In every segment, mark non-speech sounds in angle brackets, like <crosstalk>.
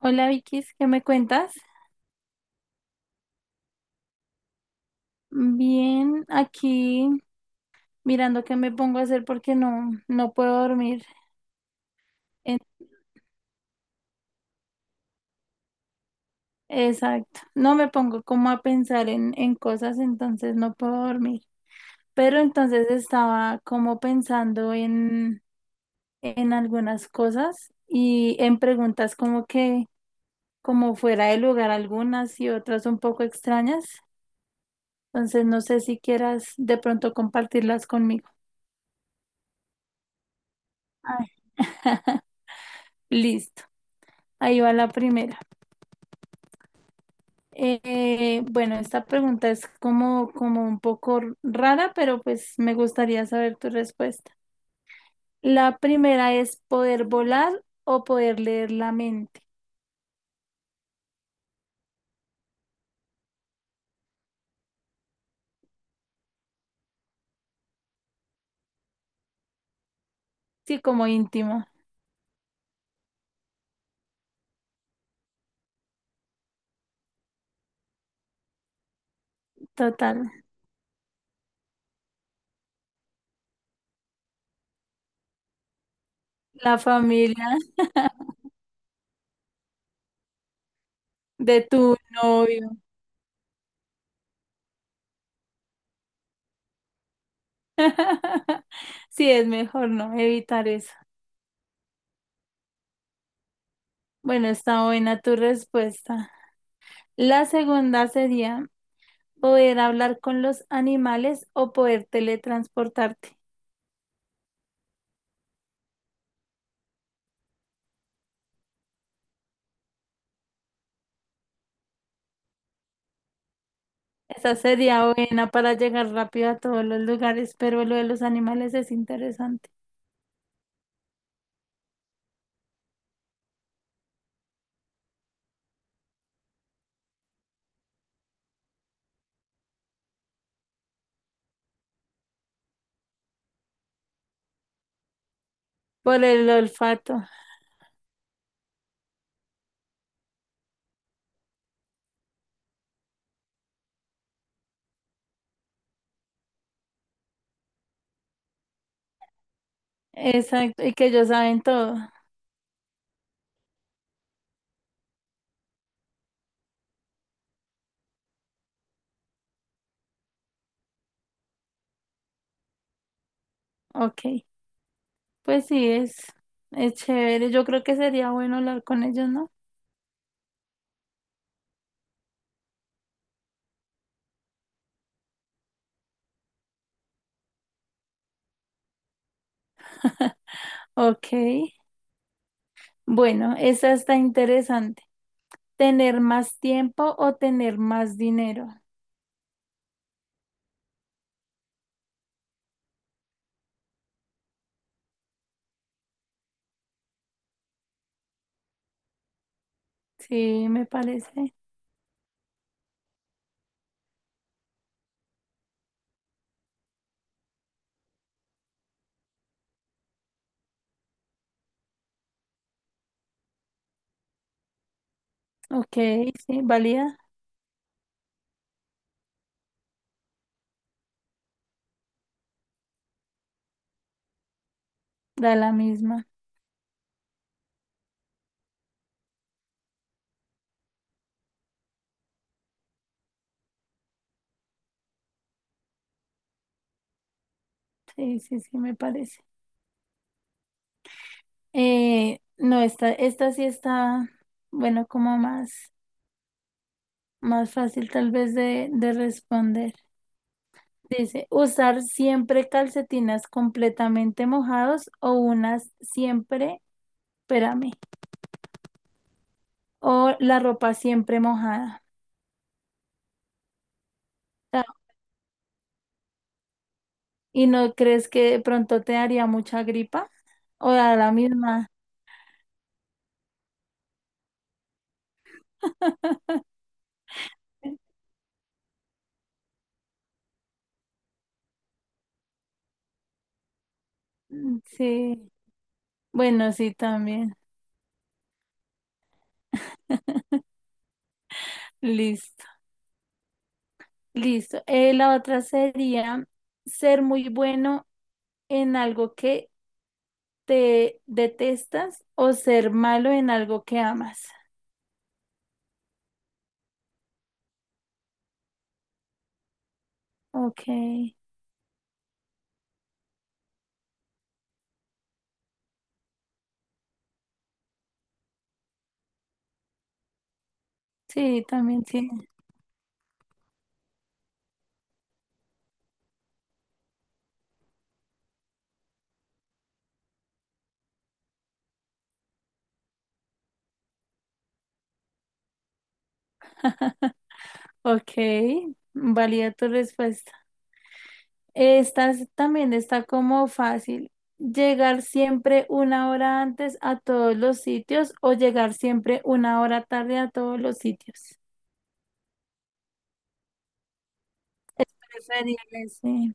Hola Vikis, ¿qué me cuentas? Bien, aquí mirando qué me pongo a hacer porque no puedo dormir. En- Exacto, no me pongo como a pensar en cosas, entonces no puedo dormir. Pero entonces estaba como pensando en algunas cosas y en preguntas como que como fuera de lugar algunas y otras un poco extrañas. Entonces no sé si quieras de pronto compartirlas conmigo. Ay, <laughs> Listo, ahí va la primera. Bueno, esta pregunta es como, como un poco rara, pero pues me gustaría saber tu respuesta. La primera es poder volar o poder leer la mente. Sí, como íntimo, total. La familia <laughs> de tu novio. <laughs> Sí, es mejor no evitar eso. Bueno, está buena tu respuesta. La segunda sería poder hablar con los animales o poder teletransportarte. Esa sería buena para llegar rápido a todos los lugares, pero lo de los animales es interesante. Por el olfato. Exacto. Y que ellos saben todo. Ok. Pues sí, es chévere. Yo creo que sería bueno hablar con ellos, ¿no? Ok. Bueno, esa está interesante. ¿Tener más tiempo o tener más dinero? Sí, me parece. Ok, sí, valía. Da la misma. Sí, sí, sí, me parece. No, esta, esta sí está, bueno, como más, más fácil tal vez de responder. Dice, usar siempre calcetinas completamente mojados o unas siempre, espérame, o la ropa siempre mojada. O sea, ¿y no crees que de pronto te daría mucha gripa? O a la misma. Mm, sí, bueno, sí, también. Listo, listo. La otra sería ser muy bueno en algo que te detestas o ser malo en algo que amas. Ok, sí, también sí. <laughs> Ok, valida tu respuesta. También está como fácil. ¿Llegar siempre una hora antes a todos los sitios o llegar siempre una hora tarde a todos los sitios? Es preferible, sí.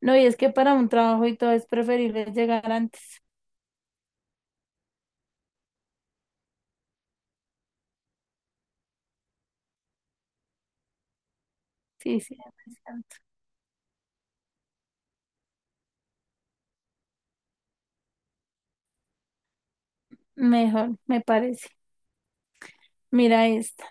No, y es que para un trabajo y todo es preferible llegar antes. Sí, sí, es cierto. Mejor, me parece. Mira esto.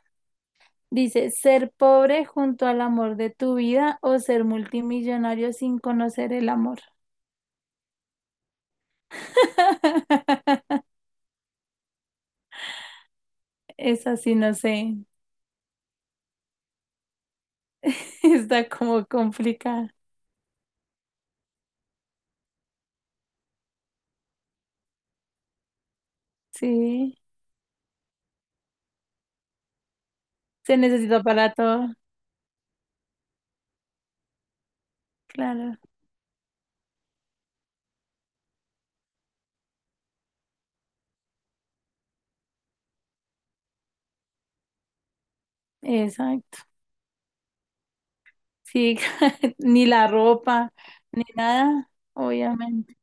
Dice, ser pobre junto al amor de tu vida o ser multimillonario sin conocer el amor. <laughs> Esa sí, no sé. <laughs> Está como complicada. Sí, se necesita para todo. Claro, exacto. Sí, <laughs> ni la ropa, ni nada, obviamente.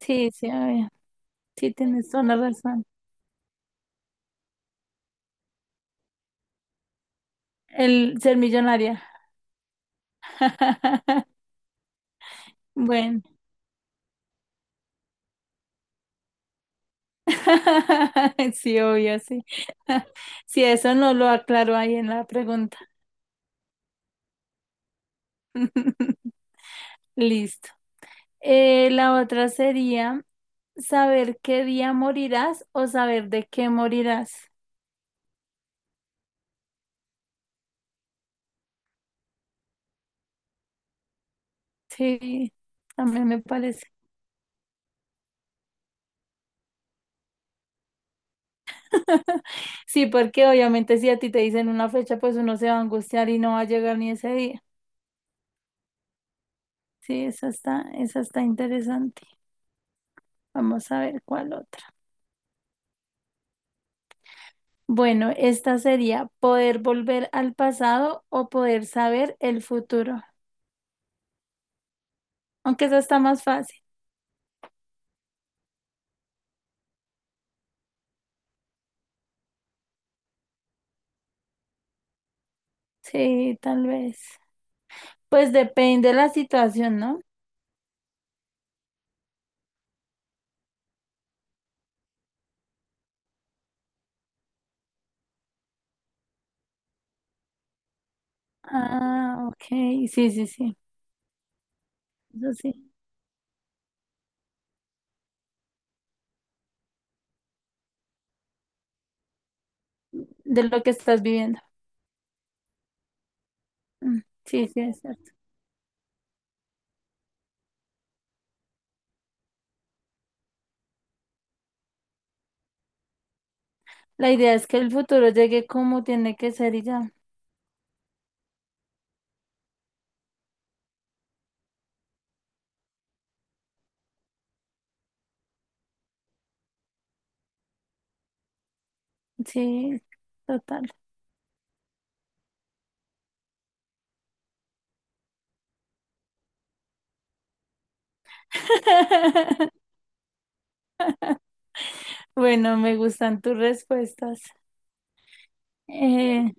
Sí, sí, obvio. Sí, tienes toda la razón. El ser millonaria. <laughs> Bueno. <laughs> Sí, obvio, sí. <laughs> Si eso no lo aclaro ahí en la pregunta. <laughs> Listo. La otra sería saber qué día morirás o saber de qué morirás. Sí, también me parece. <laughs> Sí, porque obviamente si a ti te dicen una fecha, pues uno se va a angustiar y no va a llegar ni ese día. Sí, esa está interesante. Vamos a ver cuál otra. Bueno, esta sería poder volver al pasado o poder saber el futuro. Aunque eso está más fácil. Sí, tal vez. Pues depende de la situación, ¿no? Ah, ok. Sí, sí, sí. Eso sí. De lo que estás viviendo. Mm, sí, sí, es cierto. La idea es que el futuro llegue como tiene que ser y ya. Sí, total. <laughs> Bueno, me gustan tus respuestas. Eh,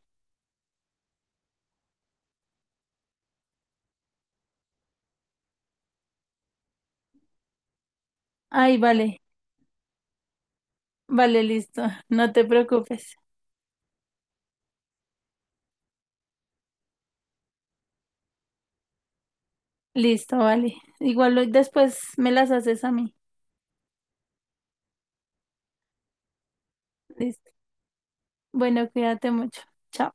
Ay, vale. Vale, listo. No te preocupes. Listo, vale. Después me las haces a mí. Listo. Bueno, cuídate mucho. Chao.